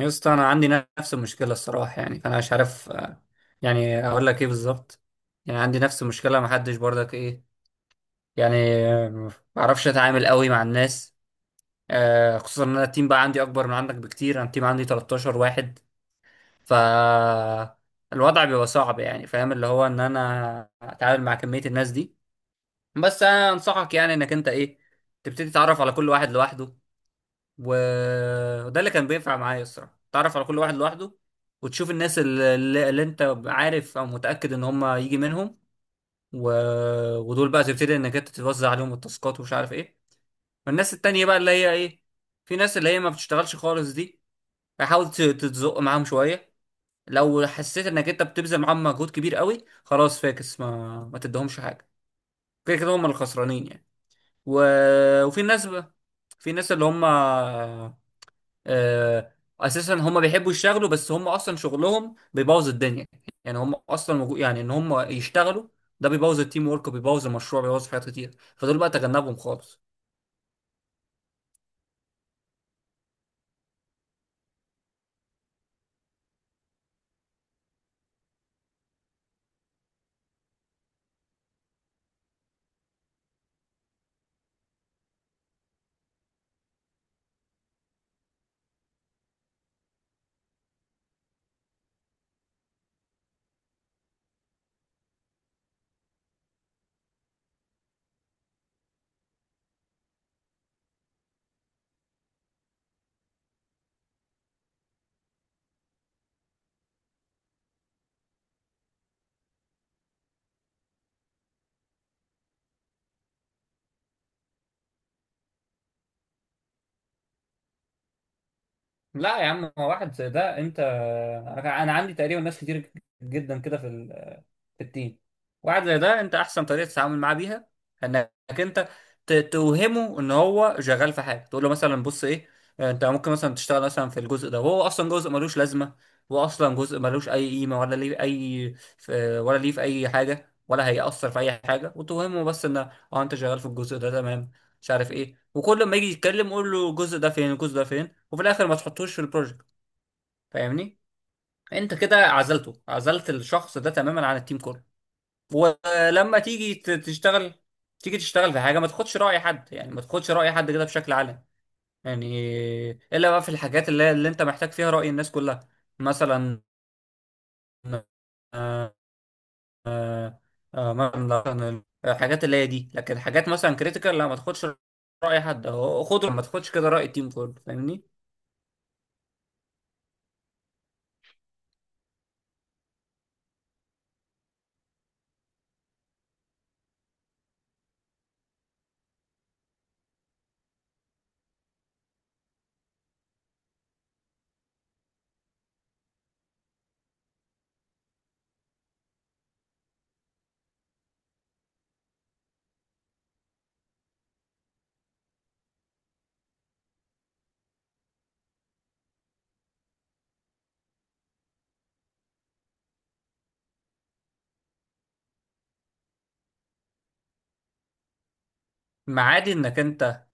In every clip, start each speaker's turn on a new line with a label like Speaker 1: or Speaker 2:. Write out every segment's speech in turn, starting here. Speaker 1: يا اسطى انا عندي نفس المشكله الصراحه. فانا مش عارف اقول لك ايه بالظبط. يعني عندي نفس المشكله ما حدش برضك ايه. يعني ما بعرفش اتعامل قوي مع الناس. خصوصا ان انا التيم بقى عندي اكبر من عندك بكتير. انا التيم عندي 13 واحد، ف الوضع بيبقى صعب، يعني فاهم اللي هو ان انا اتعامل مع كميه الناس دي. بس انا انصحك يعني انك انت ايه، تبتدي تتعرف على كل واحد لوحده. وده اللي كان بينفع معايا الصراحة، تعرف على كل واحد لوحده وتشوف الناس اللي انت عارف او متأكد ان هم يجي منهم و... ودول بقى تبتدي انك انت توزع عليهم التاسكات ومش عارف ايه. والناس التانية بقى اللي هي ايه، في ناس اللي هي ما بتشتغلش خالص دي، فحاول تتزق معاهم شوية. لو حسيت انك انت بتبذل معاهم مجهود كبير قوي، خلاص فاكس ما تدهمش حاجة، كده كده هم الخسرانين يعني و... وفي ناس بقى، في ناس اللي هم آه، اساسا هم بيحبوا يشتغلوا، بس هم اصلا شغلهم بيبوظ الدنيا. يعني هم يعني ان هم يشتغلوا ده بيبوظ التيم ورك وبيبوظ المشروع، بيبوظ حاجات كتير. فدول بقى تجنبهم خالص. لا يا عم، هو واحد زي ده، انت انا عندي تقريبا ناس كتير جدا كده في التيم. واحد زي ده، انت احسن طريقه تتعامل معاه بيها انك انت توهمه ان هو شغال في حاجه. تقول له مثلا بص ايه، انت ممكن مثلا تشتغل مثلا في الجزء ده، وهو اصلا جزء ملوش لازمه، هو اصلا جزء ملوش اي قيمه، ولا ليه اي في، ولا ليه في اي حاجه، ولا هيأثر في اي حاجه. وتوهمه بس ان اه انت شغال في الجزء ده، تمام، مش عارف ايه، وكل ما يجي يتكلم قول له الجزء ده فين، الجزء ده فين. وفي الاخر ما تحطوش في البروجكت. فاهمني، انت كده عزلته، عزلت الشخص ده تماما عن التيم كله. ولما تيجي تشتغل، تيجي تشتغل في حاجه ما تاخدش راي حد، يعني ما تاخدش راي حد كده بشكل عام. يعني الا بقى في الحاجات اللي انت محتاج فيها راي الناس كلها. مثلا آه، مثلا الحاجات اللي هي دي. لكن حاجات مثلا كريتيكال لا، ما تاخدش راي حد، ما تاخدش كده راي التيم كله، فاهمني. ما عادي انك انت،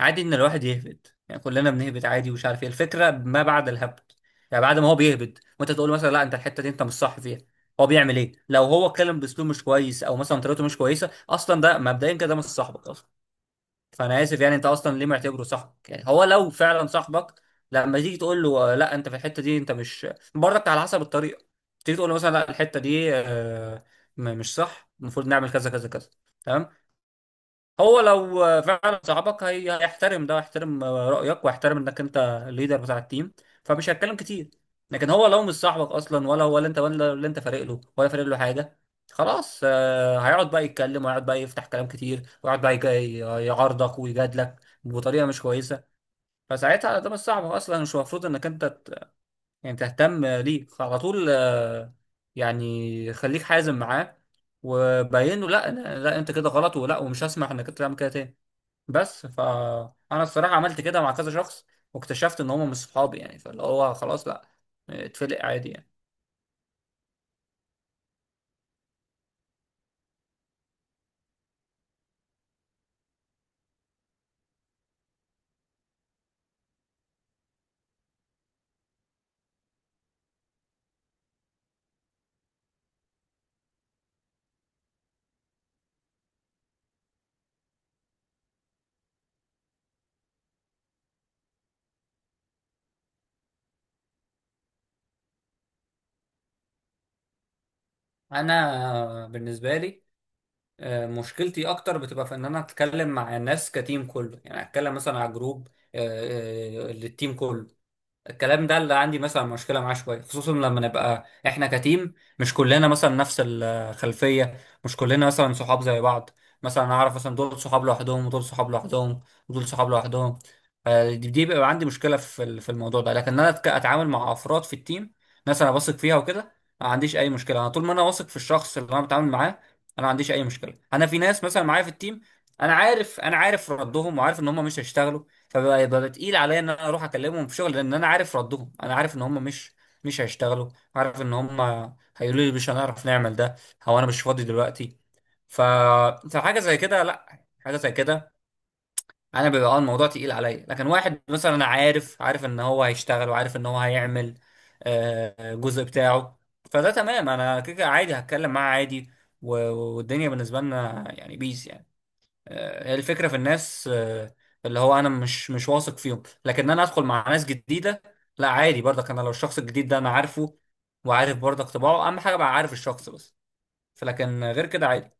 Speaker 1: عادي ان الواحد يهبد، يعني كلنا بنهبد عادي. ومش عارف ايه الفكره ما بعد الهبد، يعني بعد ما هو بيهبد وانت تقول مثلا لا انت الحته دي انت مش صح فيها، هو بيعمل ايه؟ لو هو اتكلم باسلوب مش كويس، او مثلا طريقته مش كويسه، اصلا ده مبدئيا كده مش صاحبك اصلا. فانا اسف يعني، انت اصلا ليه معتبره صاحبك؟ يعني هو لو فعلا صاحبك، لما تيجي تقول له لا انت في الحته دي انت مش، برضك على حسب الطريقه، تيجي تقول له مثلا لا الحته دي مش صح، المفروض نعمل كذا كذا كذا، تمام، هو لو فعلا صاحبك هيحترم ده، ويحترم رأيك، ويحترم انك انت الليدر بتاع التيم، فمش هيتكلم كتير. لكن هو لو مش صاحبك اصلا، ولا هو اللي انت فارق له ولا فارق له حاجة، خلاص هيقعد بقى يتكلم، وهيقعد بقى يفتح كلام كتير، ويقعد بقى يعارضك ويجادلك بطريقة مش كويسة. فساعتها ده مش صاحبك اصلا، مش المفروض انك انت تهتم ليه. فعلى طول خليك حازم معاه، وبين له لا، انت كده غلط، ولا ومش هسمح انك انت تعمل كده تاني. فانا الصراحه عملت كده مع كذا شخص، واكتشفت ان هم مش صحابي يعني، فاللي هو خلاص لا، اتفلق عادي يعني. انا بالنسبه لي مشكلتي اكتر بتبقى في ان انا اتكلم مع الناس كتيم كله، يعني اتكلم مثلا على جروب للتيم كله. الكلام ده اللي عندي مثلا مشكله معاه شويه، خصوصا لما نبقى احنا كتيم مش كلنا مثلا نفس الخلفيه، مش كلنا مثلا صحاب زي بعض، مثلا اعرف مثلا دول صحاب لوحدهم، ودول صحاب لوحدهم، ودول صحاب لوحدهم. دي دي بيبقى عندي مشكله في الموضوع ده. لكن انا اتعامل مع افراد في التيم، ناس انا واثق فيها وكده، ما عنديش اي مشكله. انا طول ما انا واثق في الشخص اللي انا بتعامل معاه انا ما عنديش اي مشكله. انا في ناس مثلا معايا في التيم، انا عارف ردهم، وعارف ان هم مش هيشتغلوا، فبقى يبقى تقيل عليا ان انا اروح اكلمهم في شغل، لان انا عارف ردهم، انا عارف ان هم مش هيشتغلوا. عارف ان هم هيقولوا لي مش هنعرف نعمل ده، او انا مش فاضي دلوقتي، ف فحاجه زي كده لا حاجه زي كده انا بيبقى اه الموضوع تقيل عليا. لكن واحد مثلا انا عارف ان هو هيشتغل، وعارف ان هو هيعمل الجزء بتاعه، فده تمام، انا كده كده عادي هتكلم معاه عادي، والدنيا بالنسبه لنا يعني بيس يعني. هي الفكرة في الناس اللي هو انا مش واثق فيهم. لكن انا ادخل مع ناس جديدة، لا عادي برضك. انا لو الشخص الجديد ده انا عارفه، وعارف برضك طباعه، اهم حاجة بقى عارف الشخص بس، فلكن غير كده عادي.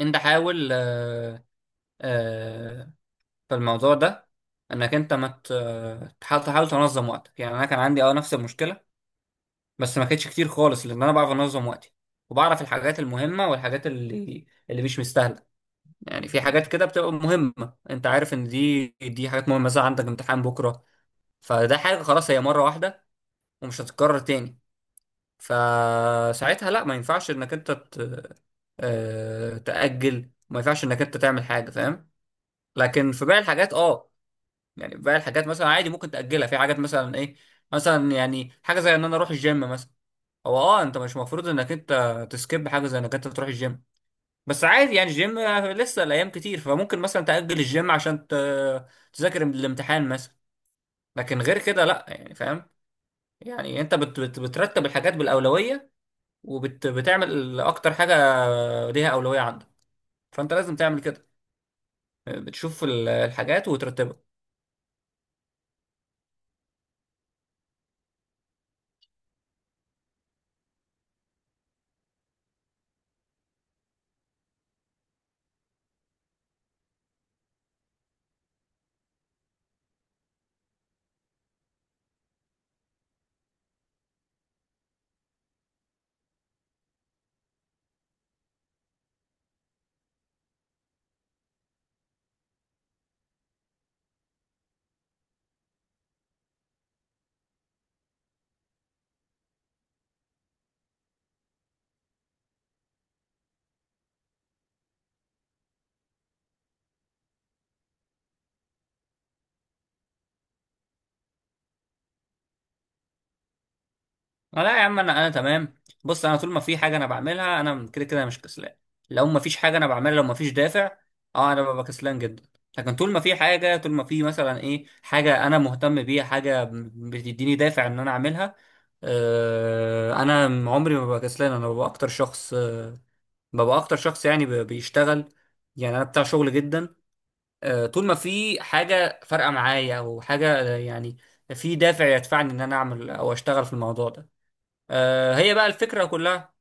Speaker 1: انت حاول آه، في الموضوع ده انك انت ما ت- آه، تحاول تحاول تنظم وقتك. يعني انا كان عندي اه نفس المشكلة، بس ما كانتش كتير خالص لان انا بعرف انظم وقتي، وبعرف الحاجات المهمة والحاجات اللي مش مستاهلة. يعني في حاجات كده بتبقى مهمة، انت عارف ان دي دي حاجات مهمة، مثلا عندك امتحان بكرة، فده حاجة خلاص، هي مرة واحدة ومش هتتكرر تاني. فساعتها لا، ما ينفعش انك انت تأجل، ما ينفعش انك انت تعمل حاجة، فاهم. لكن في باقي الحاجات اه، يعني باقي الحاجات مثلا عادي ممكن تأجلها. في حاجات مثلا ايه، مثلا يعني حاجة زي ان انا اروح الجيم مثلا، هو اه انت مش مفروض انك انت تسكيب حاجة زي انك انت تروح الجيم، بس عادي يعني الجيم لسه الايام كتير، فممكن مثلا تأجل الجيم عشان تذاكر الامتحان مثلا. لكن غير كده لا، يعني فاهم. يعني انت بت بت بترتب الحاجات بالأولوية، وبتعمل اكتر حاجة ليها أولوية عندك، فانت لازم تعمل كده. بتشوف الحاجات وترتبها. لا يا عم، انا تمام. بص، انا طول ما في حاجه انا بعملها، انا كده كده مش كسلان. لو ما فيش حاجه انا بعملها، لو ما فيش دافع، اه انا ببقى كسلان جدا. لكن طول ما في حاجه، طول ما في مثلا ايه حاجه انا مهتم بيها، حاجه بتديني دافع ان انا اعملها، آه، انا عمري ما ببقى كسلان. انا ببقى اكتر شخص آه، ببقى اكتر شخص يعني بيشتغل، يعني انا بتاع شغل جدا. آه طول ما في حاجه فارقه معايا، او حاجه آه، يعني في دافع يدفعني ان انا اعمل او اشتغل في الموضوع ده. هي بقى الفكرة كلها.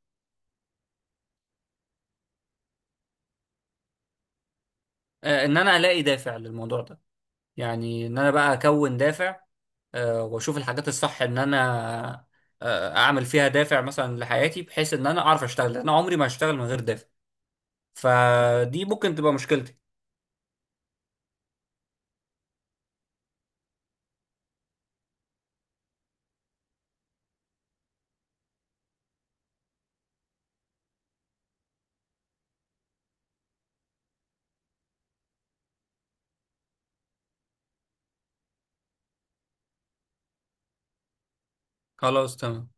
Speaker 1: ان انا الاقي دافع للموضوع ده، يعني ان انا بقى اكون دافع، واشوف الحاجات الصح ان انا اعمل فيها دافع مثلا لحياتي، بحيث ان انا اعرف اشتغل، لأن انا عمري ما هشتغل من غير دافع. فدي ممكن تبقى مشكلتي. خلاص تمام.